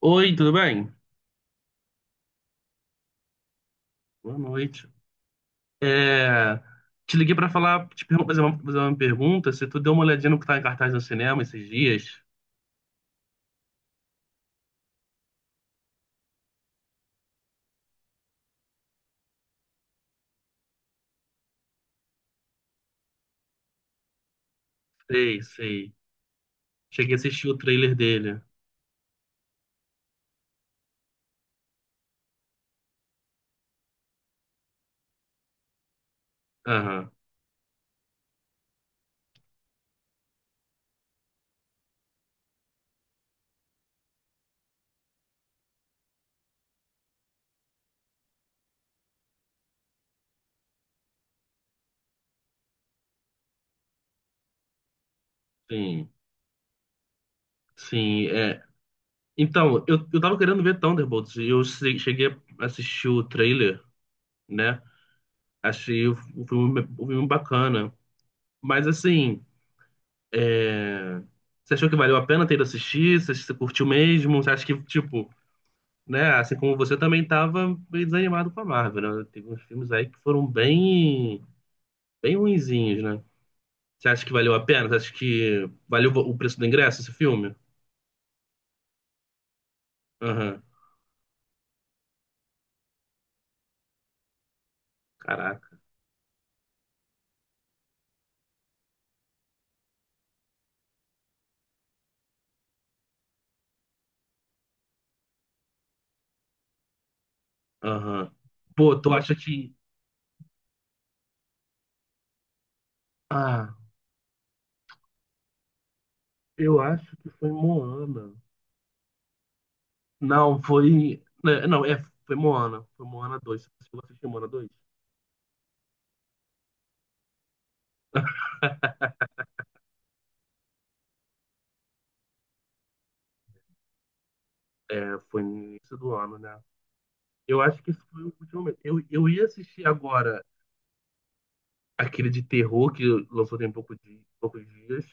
Oi, tudo bem? Boa noite. É, Te liguei para falar, fazer uma pergunta, se tu deu uma olhadinha no que tá em cartaz no cinema esses dias. Sei, sei. Cheguei a assistir o trailer dele. Aham, sim. Sim, é. Então, eu tava querendo ver Thunderbolts e eu se- cheguei a assistir o trailer, né? Achei o filme, o filme bacana. Mas assim, é, você achou que valeu a pena ter ido assistir? Você curtiu mesmo? Você acha que, tipo, né? Assim como você também estava meio desanimado com a Marvel, né? Teve uns filmes aí que foram bem, bem ruinzinhos, né? Você acha que valeu a pena? Você acha que valeu o preço do ingresso esse filme? Aham, caraca. Aham. Pô, tu acha que. Ah, eu acho que foi Moana. Não, foi. Né, não, é, foi Moana. Foi Moana dois. Você chegou a assistir Moana dois? É, foi no início do ano, né? Eu acho que isso foi o último momento. Eu ia assistir agora aquele de terror que lançou tem pouco de, poucos dias.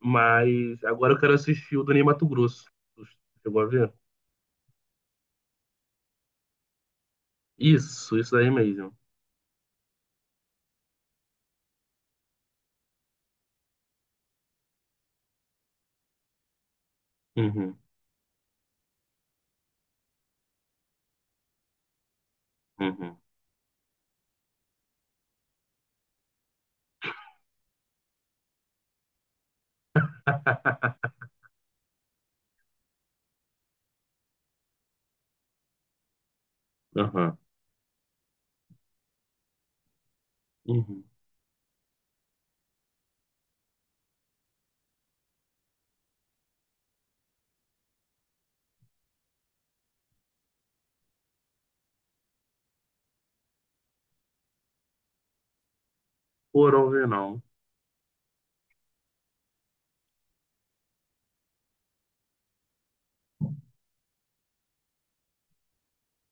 Mas agora eu quero assistir o do Ney Matogrosso. Tu chegou a ver? Isso aí mesmo. Uhum, uhum. Aham, uhum. Foram ver, não.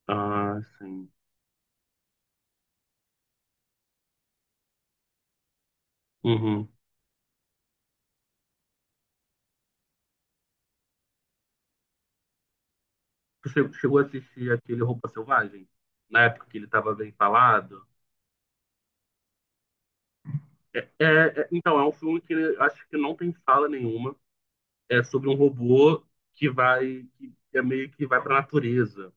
Ah, sim. Uhum. Chegou a assistir aquele Roupa Selvagem? Na época que ele tava bem falado? É, é, então, é um filme que acho que não tem fala nenhuma. É sobre um robô que vai, que é meio que vai pra natureza.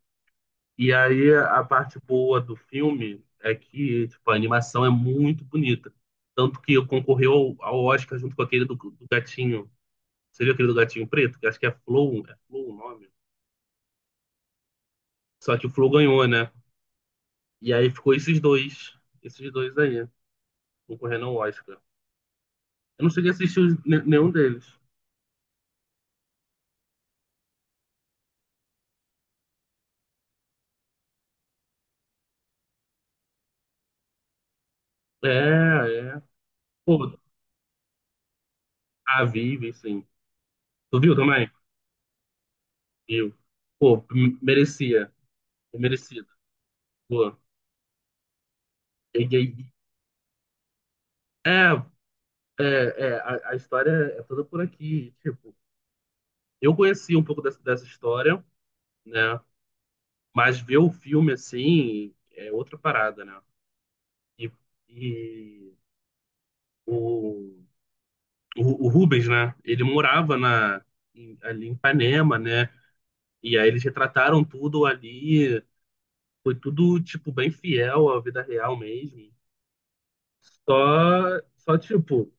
E aí a parte boa do filme é que tipo, a animação é muito bonita. Tanto que concorreu ao Oscar junto com aquele do gatinho. Você viu aquele do gatinho preto? Que acho que é Flow o nome. Só que o Flow ganhou, né? E aí ficou esses dois aí, concorrendo ao Oscar. Eu não cheguei a assistir nenhum deles. É, é. Pô, a Vive, sim. Tu viu também? Viu. Pô, merecia. É merecido. Pô. E, e, é, É, é, a história é toda por aqui. Tipo, eu conheci um pouco dessa, dessa história, né? Mas ver o filme assim é outra parada, né? E, e o, o Rubens, né? Ele morava na, ali em Ipanema, né? E aí eles retrataram tudo ali. Foi tudo, tipo, bem fiel à vida real mesmo. Só, só tipo,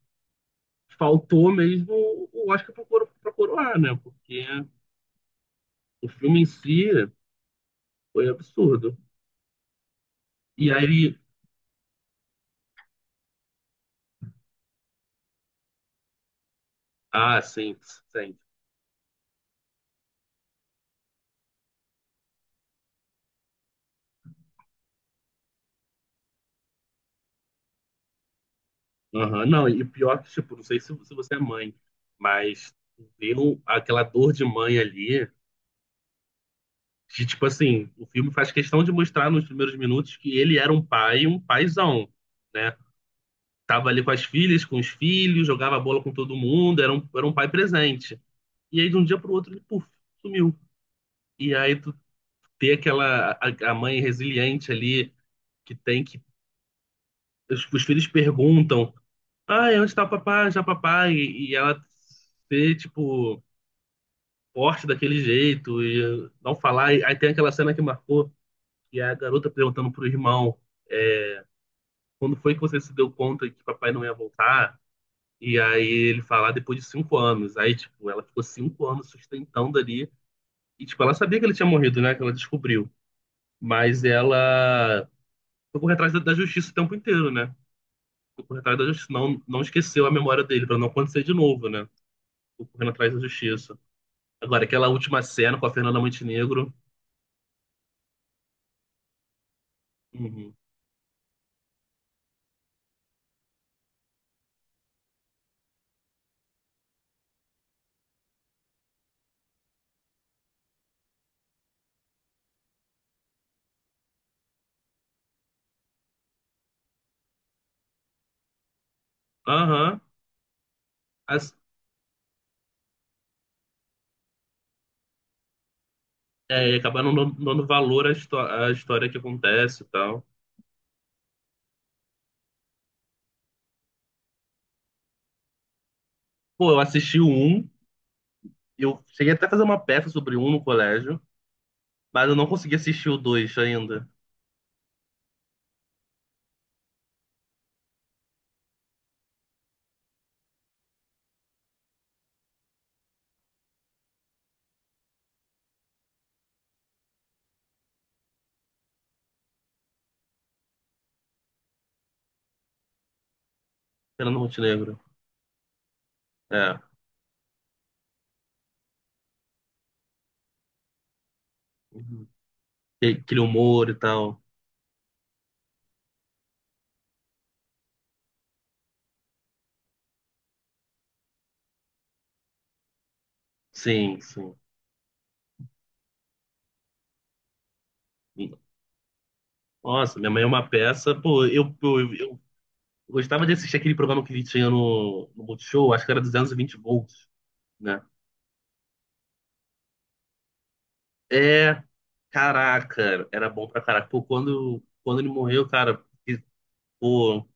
faltou mesmo o Oscar pra coroar, né? Porque o filme em si. Foi absurdo. E aí, ah, sim, sim. Aham, não, e pior que, tipo, não sei se, se você é mãe, mas viu aquela dor de mãe ali, que, tipo assim, o filme faz questão de mostrar nos primeiros minutos que ele era um pai, um paizão, né? Tava ali com as filhas, com os filhos, jogava bola com todo mundo, era um pai presente. E aí, de um dia pro outro, ele, puf, sumiu. E aí, tu ter aquela, a mãe resiliente ali, que tem que, os filhos perguntam, ah, é onde está o papai? Já papai. E ela ser, tipo, forte daquele jeito e não falar. E, aí tem aquela cena que marcou, que é a garota perguntando pro irmão, quando foi que você se deu conta que papai não ia voltar? E aí ele fala, "Ah, depois de 5 anos." Aí, tipo, ela ficou 5 anos sustentando ali. E, tipo, ela sabia que ele tinha morrido, né? Que ela descobriu. Mas ela foi correr atrás da, da justiça o tempo inteiro, né? Foi correr atrás da justiça. Não, não esqueceu a memória dele, pra não acontecer de novo, né? Ficou correndo atrás da justiça. Agora, aquela última cena com a Fernanda Montenegro. Uhum. Aham. As- É, e acabar não dando valor à, à história que acontece e tal. Pô, eu assisti o 1. Eu cheguei até a fazer uma peça sobre um no colégio. Mas eu não consegui assistir o dois ainda. Fernanda Montenegro. É. Uhum. E- aquele humor e tal. Sim, sim. Nossa, minha mãe é uma peça. Pô, eu gostava de assistir aquele programa que ele tinha no, no Multishow. Acho que era 220 volts. Né? É, caraca, era bom pra caraca. Pô, quando ele morreu, cara, e, pô,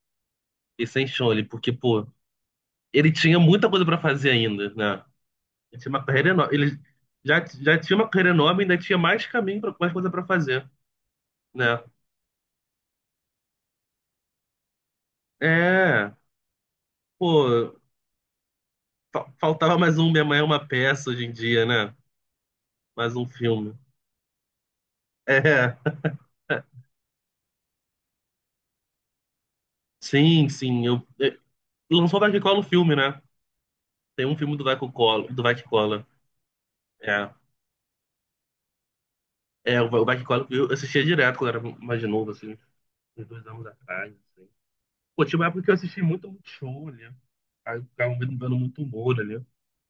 e sem chão ele, porque, pô, ele tinha muita coisa pra fazer ainda, né? Ele tinha uma carreira enorme. Ele já tinha uma carreira enorme, ainda tinha mais caminho, pra, mais coisa pra fazer, né? É, pô, faltava mais um Minha Mãe é uma Peça hoje em dia, né? Mais um filme. É, sim, sim. Lançou o Dark Cola o filme, né? Tem um filme do Dark Cola, do Dark Cola. É. É, o Bike eu assistia direto quando eu era mais novo, assim, uns 2 anos atrás, assim. Pô, tinha uma época que eu assisti muito Multishow ali. Aí eu ficava vendo muito humor ali.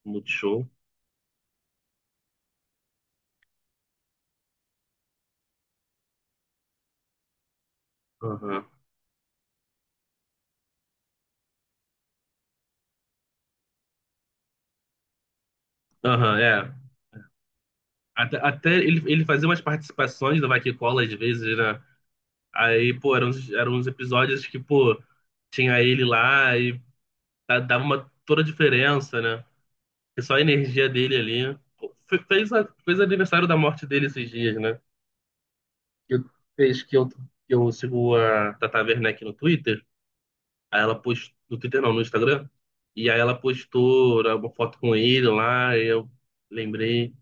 Multishow. Aham. Aham, é. Até, até ele, ele fazia umas participações do Vai Que Cola às vezes, né? Aí, pô, eram uns episódios que, pô, tinha ele lá e dava uma toda a diferença, né? E só a energia dele ali. Pô, fez aniversário da morte dele esses dias, né? Que fez que eu sigo a Tata Werneck no Twitter. Aí ela postou, no Twitter não, no Instagram. E aí ela postou né, uma foto com ele lá, e eu lembrei.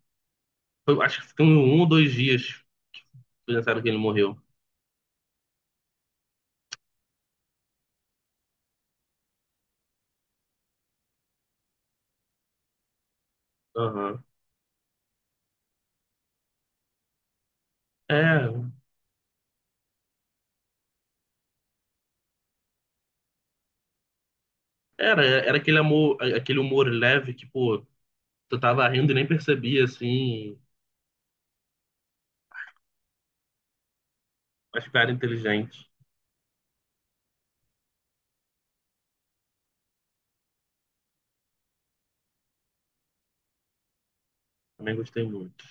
Acho que ficou um ou dois dias que pensaram que ele morreu. Aham. É, era, era aquele amor, aquele humor leve que, pô, tu tava rindo e nem percebia, assim, mas cara inteligente. Também gostei muito.